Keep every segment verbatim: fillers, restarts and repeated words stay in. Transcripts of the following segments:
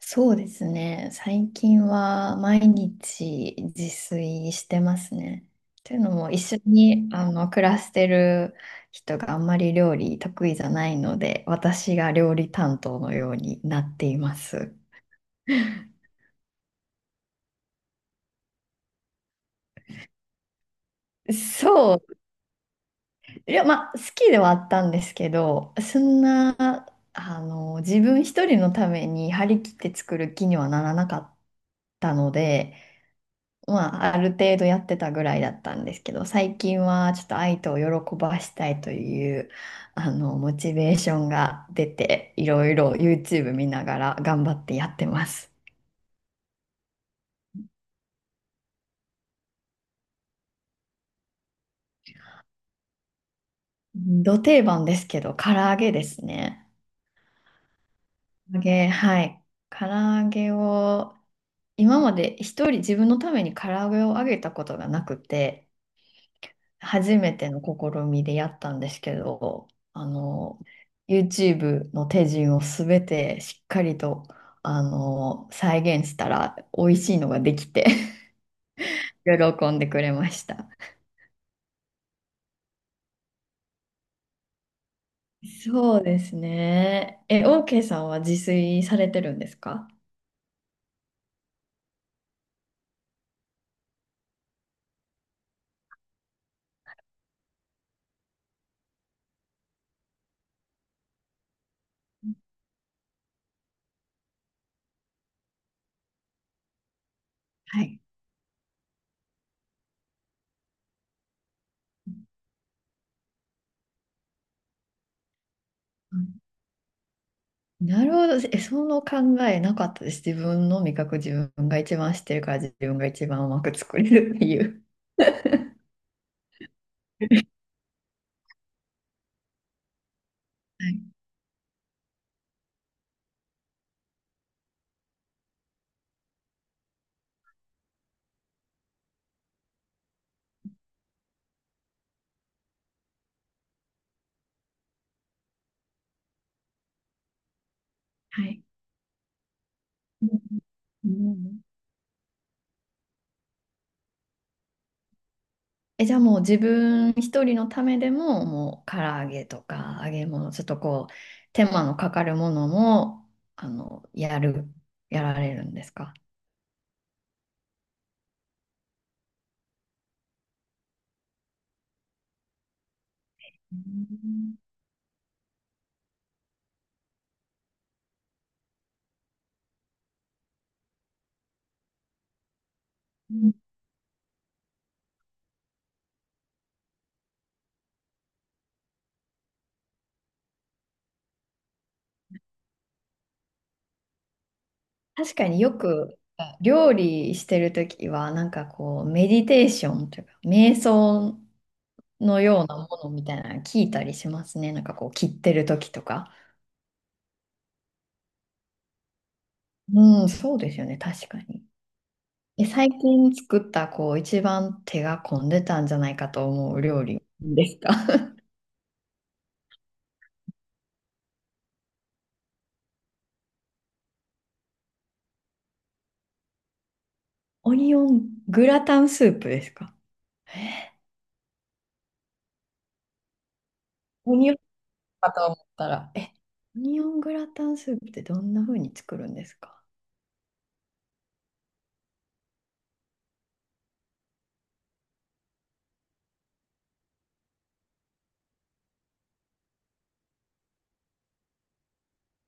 そうですね。最近は毎日自炊してますね。というのも一緒にあの暮らしてる人があんまり料理得意じゃないので、私が料理担当のようになっています。そう。いや、まあ、好きではあったんですけど、そんな、あの、自分一人のために張り切って作る気にはならなかったので、まあ、ある程度やってたぐらいだったんですけど、最近はちょっと愛とを喜ばしたいという、あの、モチベーションが出て、いろいろ YouTube 見ながら頑張ってやってます。ど定番ですけど、唐揚げですね。唐揚げ、はい。唐揚げを、今まで一人自分のために唐揚げを揚げたことがなくて、初めての試みでやったんですけど、あの、YouTube の手順をすべてしっかりと、あの、再現したら美味しいのができて 喜んでくれました。そうですね。え、OK さんは自炊されてるんですか？はい。うん、なるほど。え、その考えなかったです。自分の味覚、自分が一番知ってるから自分が一番うまく作れるっていう。はい。はい。うん、うん、え、じゃあもう自分一人のためでも、もう唐揚げとか揚げ物、ちょっとこう、手間のかかるものも、あの、やる、やられるんですか？うん、確かによく料理してるときは、なんかこう、メディテーションというか、瞑想のようなものみたいなの聞いたりしますね。なんかこう、切ってるときとか。うん、そうですよね、確かに。え、最近作ったこう一番手が込んでたんじゃないかと思う料理ですか？ オニオングラタンスープですか？え、オニオンかと思ったら、え、オニオングラタンスープってどんな風に作るんですか？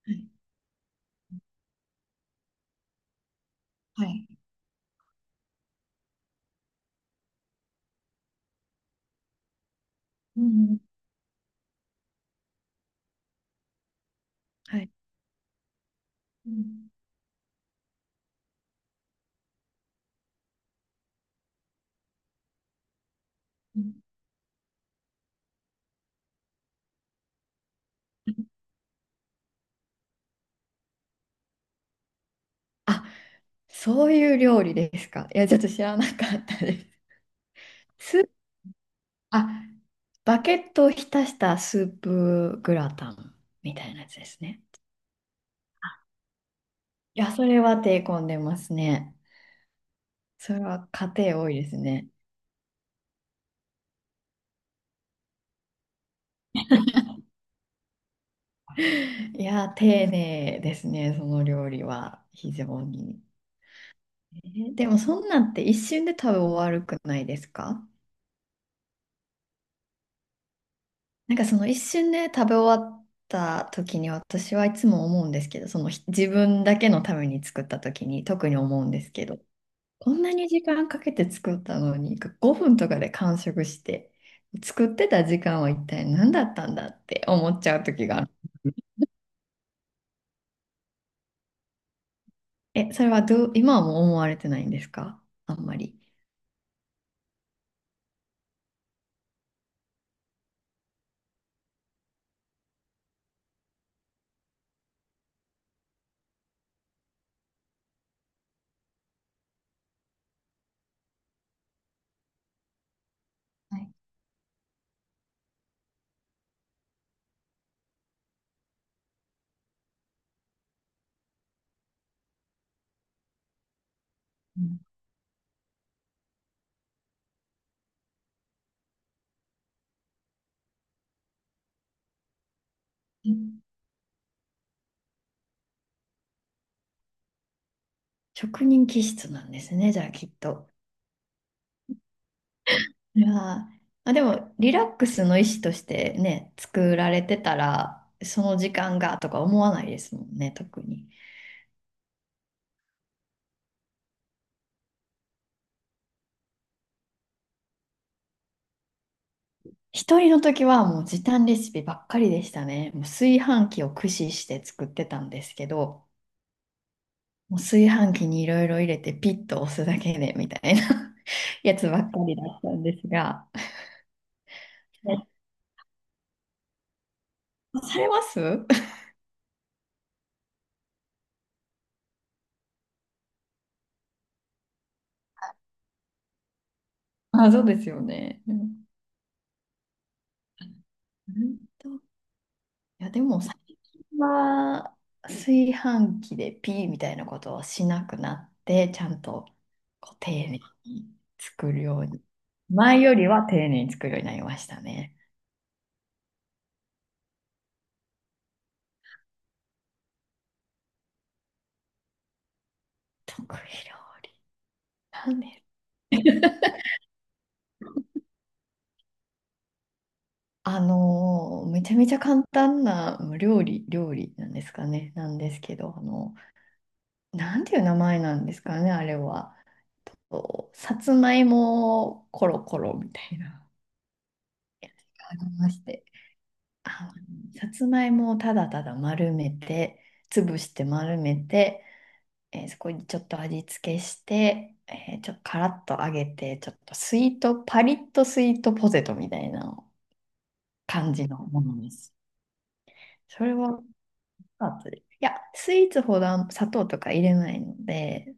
はい。はい。うん、うん。はい。うん、うん、あ、そういう料理ですか。いや、ちょっと知らなかったです。ス、あ、バゲットを浸したスープグラタンみたいなやつですね。いや、それは手込んでますね。それは家庭多いですね。いや、丁寧ですね、その料理は、非常に。えーでも、そんなんって一瞬で食べ終わるくないですか？なんかその一瞬で食べ終わった時に私はいつも思うんですけど、そのひ自分だけのために作った時に特に思うんですけど、こんなに時間かけて作ったのにごふんとかで完食して、作ってた時間は一体何だったんだって思っちゃう時があ、え、それはどう、今はもう思われてないんですか、あんまり。はい、うん、職人気質なんですね、じゃあきっと。いやー、あ、でも、リラックスの意思としてね、作られてたら、その時間がとか思わないですもんね、特に。一人の時はもう時短レシピばっかりでしたね。もう炊飯器を駆使して作ってたんですけど、もう炊飯器にいろいろ入れてピッと押すだけでみたいな やつばっかりだったんですが。え、されます？あ、そうですよね。うん、うんと、いや、でも最近は炊飯器でピーみたいなことをしなくなって、ちゃんとこう丁寧に作るように。前よりは丁寧に作るようになりましたね。得意料理。なんで？ あのーめちゃめちゃ簡単なまあ料理、料理なんですかね。なんですけど、あの、なんていう名前なんですかね、あれは。こうさつまいもコロコロみたいな。ありまして。あ、さつまいもをただただ丸めて、潰して丸めて、えーそこにちょっと味付けして、えーちょっとカラッと揚げて、ちょっとスイート、パリッとスイートポテトみたいな感じのものです。それは、あとで、いや、スイーツほどあん砂糖とか入れないので、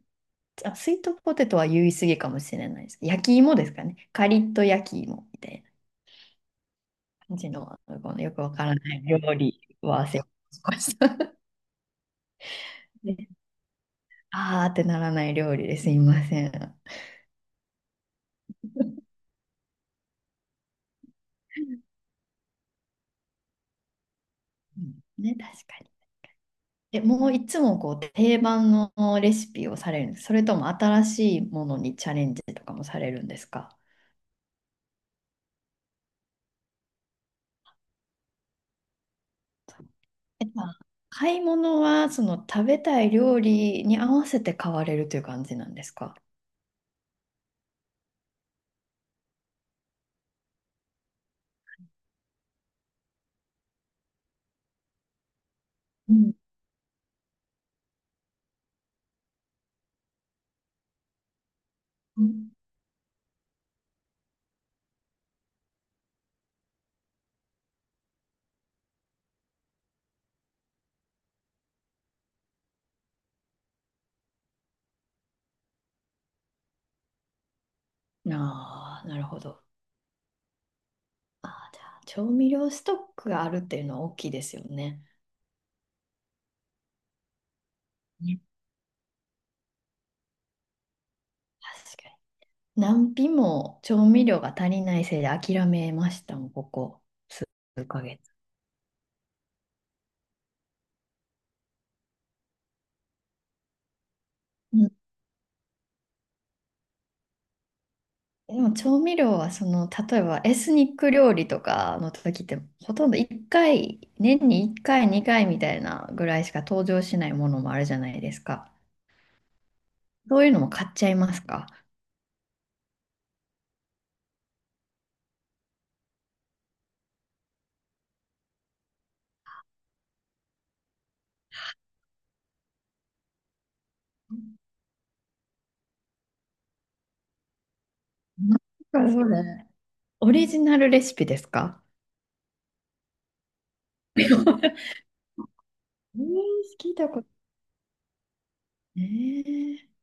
あ、スイートポテトは言い過ぎかもしれないです。焼き芋ですかね。カリッと焼き芋みたいな感じの、このよくわからない料理は忘れました。あーってならない料理ですいません。うんね、確かに。え、もういつもこう定番のレシピをされるんです？それとも新しいものにチャレンジとかもされるんですか？え、まあ買い物はその食べたい料理に合わせて買われるという感じなんですか？うん、うん、ああー、なるほど。ああ、じゃあ、調味料ストックがあるっていうのは大きいですよね。ね、確かに。何品も調味料が足りないせいで諦めましたもん、ここ数ヶ月。うん、でも調味料はその、例えばエスニック料理とかの時って、ほとんどいっかい、年にいっかい、にかいみたいなぐらいしか登場しないものもあるじゃないですか。そういうのも買っちゃいますか？なんかそれ。オリジナルレシピですか？ えー、聞いたこと。えー